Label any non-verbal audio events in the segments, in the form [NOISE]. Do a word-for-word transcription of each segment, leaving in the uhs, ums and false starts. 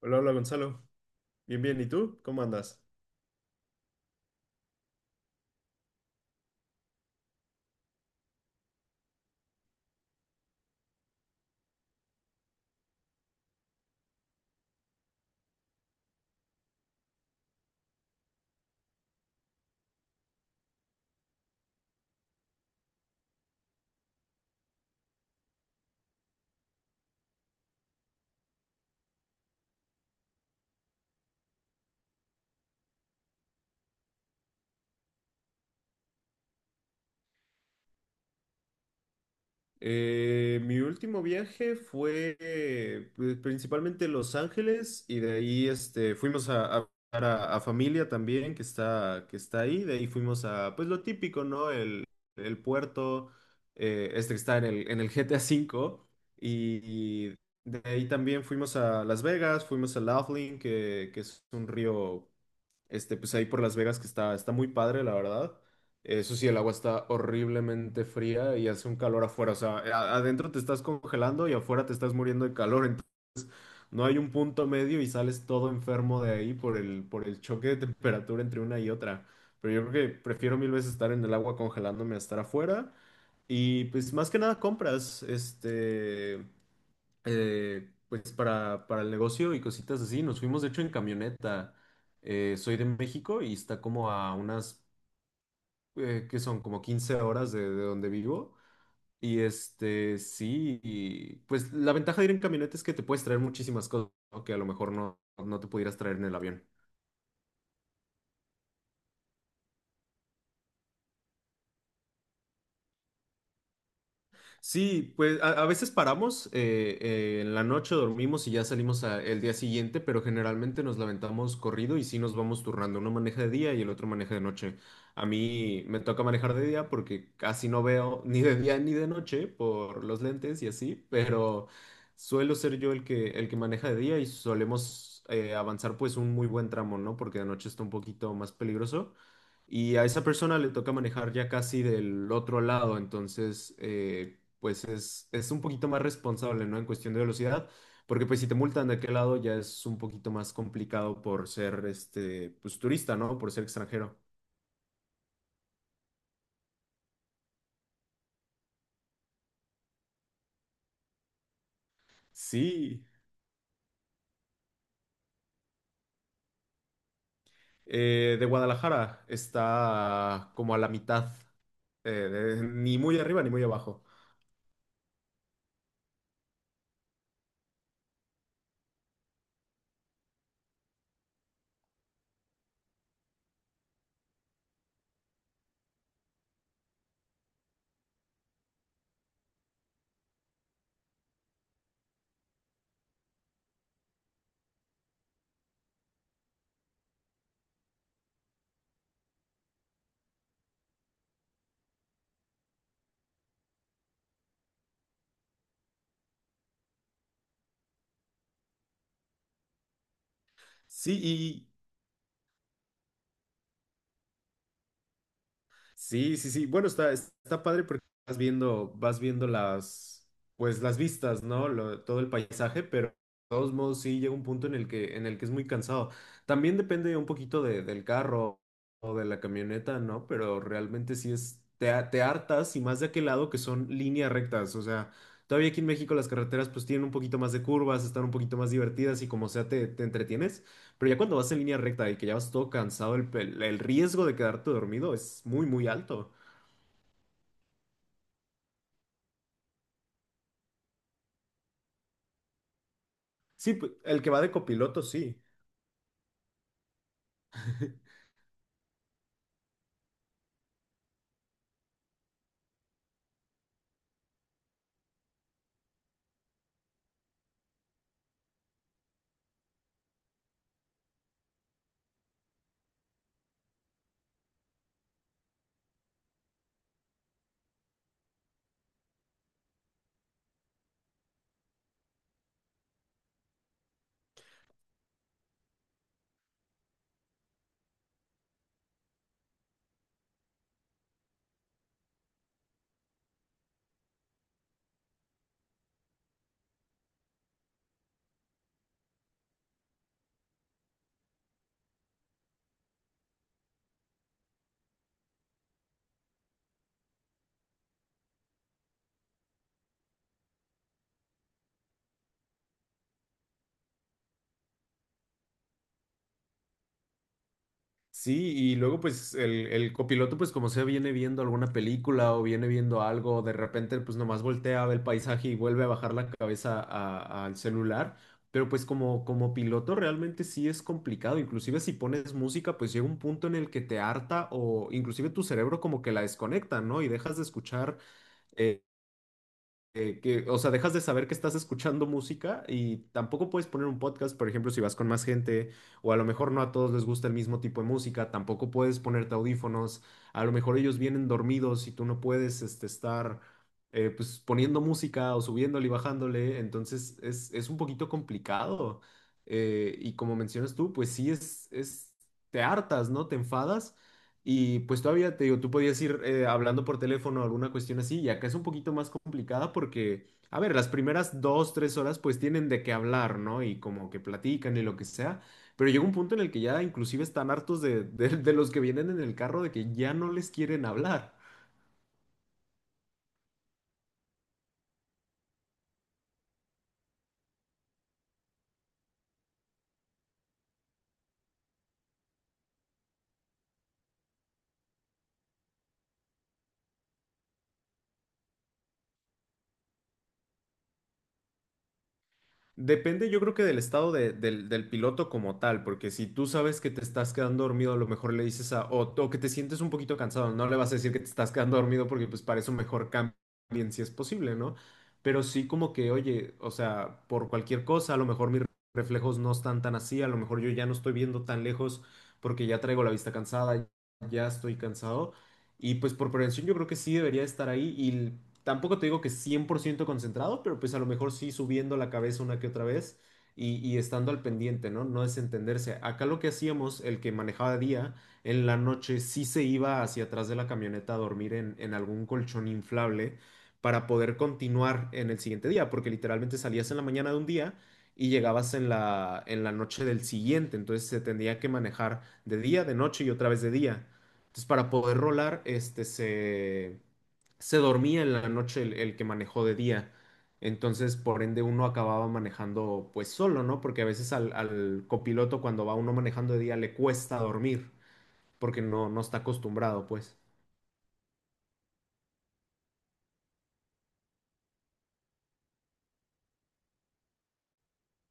Hola, hola Gonzalo. Bien, bien. ¿Y tú? ¿Cómo andas? Eh, mi último viaje fue eh, pri- principalmente Los Ángeles, y de ahí este, fuimos a, a, visitar a- a familia también que está, que está ahí. De ahí fuimos a, pues, lo típico, ¿no? El, el puerto, eh, este que está en el, en el G T A cinco. Y, y de ahí también fuimos a Las Vegas, fuimos a Laughlin, que, que es un río. Este, pues ahí por Las Vegas que está, está muy padre, la verdad. Eso sí, el agua está horriblemente fría y hace un calor afuera. O sea, eh, a- adentro te estás congelando y afuera te estás muriendo de calor. Ent- No hay un punto medio y sales todo enfermo de ahí por el, por el choque de temperatura entre una y otra. Pero yo creo que prefiero mil veces estar en el agua congelándome a estar afuera. Y pues más que nada compras, este eh, pues para, para el negocio y cositas así. Nos fuimos de hecho en camioneta. Eh, soy de México y está como a unas, eh, ¿qué son? Como quince horas de, de donde vivo. Y este, sí, y, pues la ventaja de ir en camioneta es que te puedes traer muchísimas cosas, ¿no? Que a lo mejor no, no te pudieras traer en el avión. Sí, pues a, a veces paramos, eh, eh, en la noche dormimos y ya salimos a- el día siguiente, pero generalmente nos levantamos corrido y sí nos vamos turnando. Uno maneja de día y el otro maneja de noche. A mí me toca manejar de día porque casi no veo ni de día ni de noche por los lentes y así, pero suelo ser yo el que, el que maneja de día y solemos eh, avanzar pues un muy buen tramo, ¿no? Porque de noche está un poquito más peligroso. Y a esa persona le toca manejar ya casi del otro lado, entonces, eh, pues es, es un poquito más responsable, ¿no? En cuestión de velocidad, porque pues si te multan de aquel lado ya es un poquito más complicado por ser, este, pues, turista, ¿no? Por ser extranjero. Sí, eh, de Guadalajara está como a la mitad, eh, de- ni muy arriba ni muy abajo. Sí, sí, sí, sí. Bueno, está, está padre porque vas viendo, vas viendo las, pues las vistas, ¿no? Lo- todo el paisaje, pero de todos modos sí llega un punto en el que, en el que es muy cansado. También depende un poquito de- del carro o de la camioneta, ¿no? Pero realmente sí es, te, ha- te hartas y más de aquel lado que son líneas rectas. O sea, todavía aquí en México las carreteras pues tienen un poquito más de curvas, están un poquito más divertidas y como sea te, te entretienes. Pero ya cuando vas en línea recta y que ya vas todo cansado, el, el- el riesgo de quedarte dormido es muy, muy alto. Sí, pu- el que va de copiloto, sí. [LAUGHS] Sí, y luego pues el, el copiloto pues como sea viene viendo alguna película o viene viendo algo, de repente pues nomás voltea, ve el paisaje y vuelve a bajar la cabeza a- al celular, pero pues como, como piloto realmente sí es complicado, inclusive si pones música pues llega un punto en el que te harta o inclusive tu cerebro como que la desconecta, ¿no? Y dejas de escuchar eh, eh, que, o sea, dejas de saber que estás escuchando música y tampoco puedes poner un podcast, por ejemplo, si vas con más gente o a lo mejor no a todos les gusta el mismo tipo de música, tampoco puedes ponerte audífonos, a lo mejor ellos vienen dormidos y tú no puedes este, estar eh, pues, poniendo música o subiéndole y bajándole, entonces es, es un poquito complicado. Eh, y como mencionas tú, pues sí es, es, te hartas, ¿no? Te enfadas, y pues todavía te digo, tú podías ir eh, hablando por teléfono o alguna cuestión así, y acá es un poquito más complicada porque, a ver, las primeras dos, tres horas pues tienen de qué hablar, ¿no? Y como que platican y lo que sea, pero llega un punto en en el el que que que ya ya inclusive están hartos de de de los que vienen en el carro de que ya no les quieren hablar. Depende, yo creo que del estado de- del, del piloto como tal, porque si tú sabes que te estás quedando dormido, a lo mejor le dices a, o, o que te sientes un poquito cansado, no le vas a decir que te estás quedando dormido porque pues para eso mejor cambien si es posible, ¿no? Pero sí como que, oye, o sea, por cualquier cosa, a lo mejor mis reflejos no están tan así, a lo mejor yo ya no estoy viendo tan lejos porque ya traigo la vista cansada, ya estoy cansado. Y pues por prevención yo creo que sí debería estar ahí, tampoco te digo que cien por ciento concentrado, pero pues a lo mejor sí subiendo la cabeza una que otra vez y, y estando al pendiente, ¿no? No desentenderse. Acá lo que hacíamos, el que manejaba de día, en la noche sí se iba hacia atrás de la camioneta a dormir en, en algún colchón inflable para poder continuar en el siguiente día, porque literalmente salías en la mañana de un día. Y llegabas en la, en la noche del siguiente, entonces se tendría que manejar de día, de noche y otra vez de día. Entonces, para poder rolar, este se, se dormía en la noche el, el que manejó de día. Entonces, por ende, uno acababa manejando pues solo, ¿no? Porque a veces al, al copiloto cuando va uno manejando de día le cuesta dormir porque no, no está acostumbrado, pues.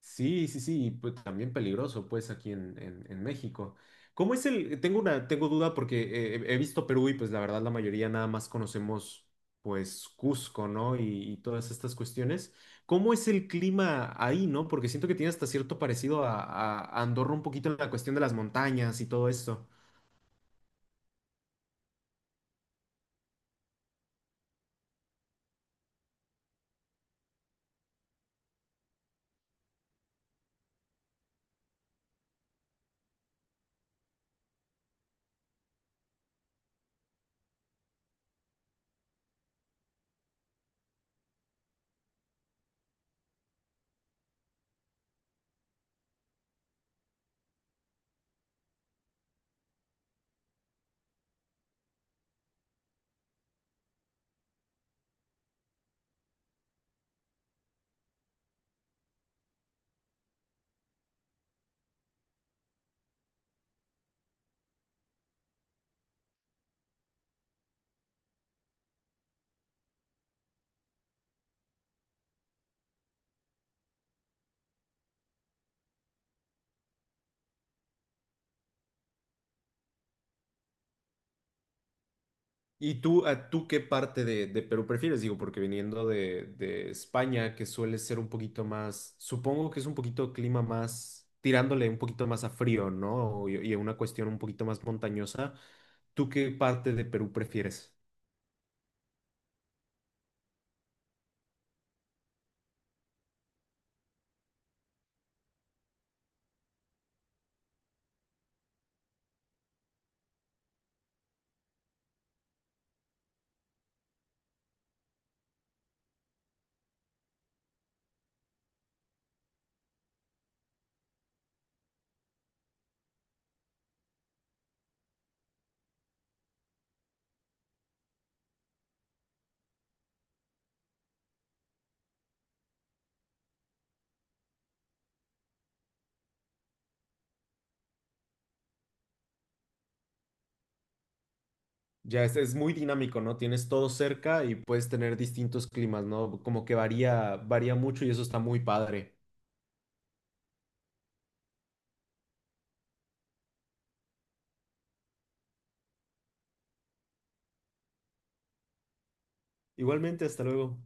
Sí, sí, sí, y pues también peligroso, pues aquí en, en- en México. ¿Cómo es el? Tengo una, tengo duda porque eh, he visto Perú y pues la verdad la mayoría nada más conocemos pues Cusco, ¿no? Y, y todas estas cuestiones. ¿Cómo es el clima ahí, no? Porque siento que tiene hasta cierto parecido a, a Andorra un poquito en la cuestión de las montañas y todo esto. ¿Y tú, a tú qué parte de, de Perú prefieres? Digo, porque viniendo de, de España, que suele ser un poquito más, supongo que es un poquito clima más, tirándole un poquito más a frío, ¿no? Y, y una cuestión un poquito más montañosa. ¿Tú qué parte de Perú prefieres? Ya es, es muy dinámico, ¿no? Tienes todo cerca y puedes tener distintos climas, ¿no? Como que varía, varía mucho y eso está muy padre. Igualmente, hasta luego.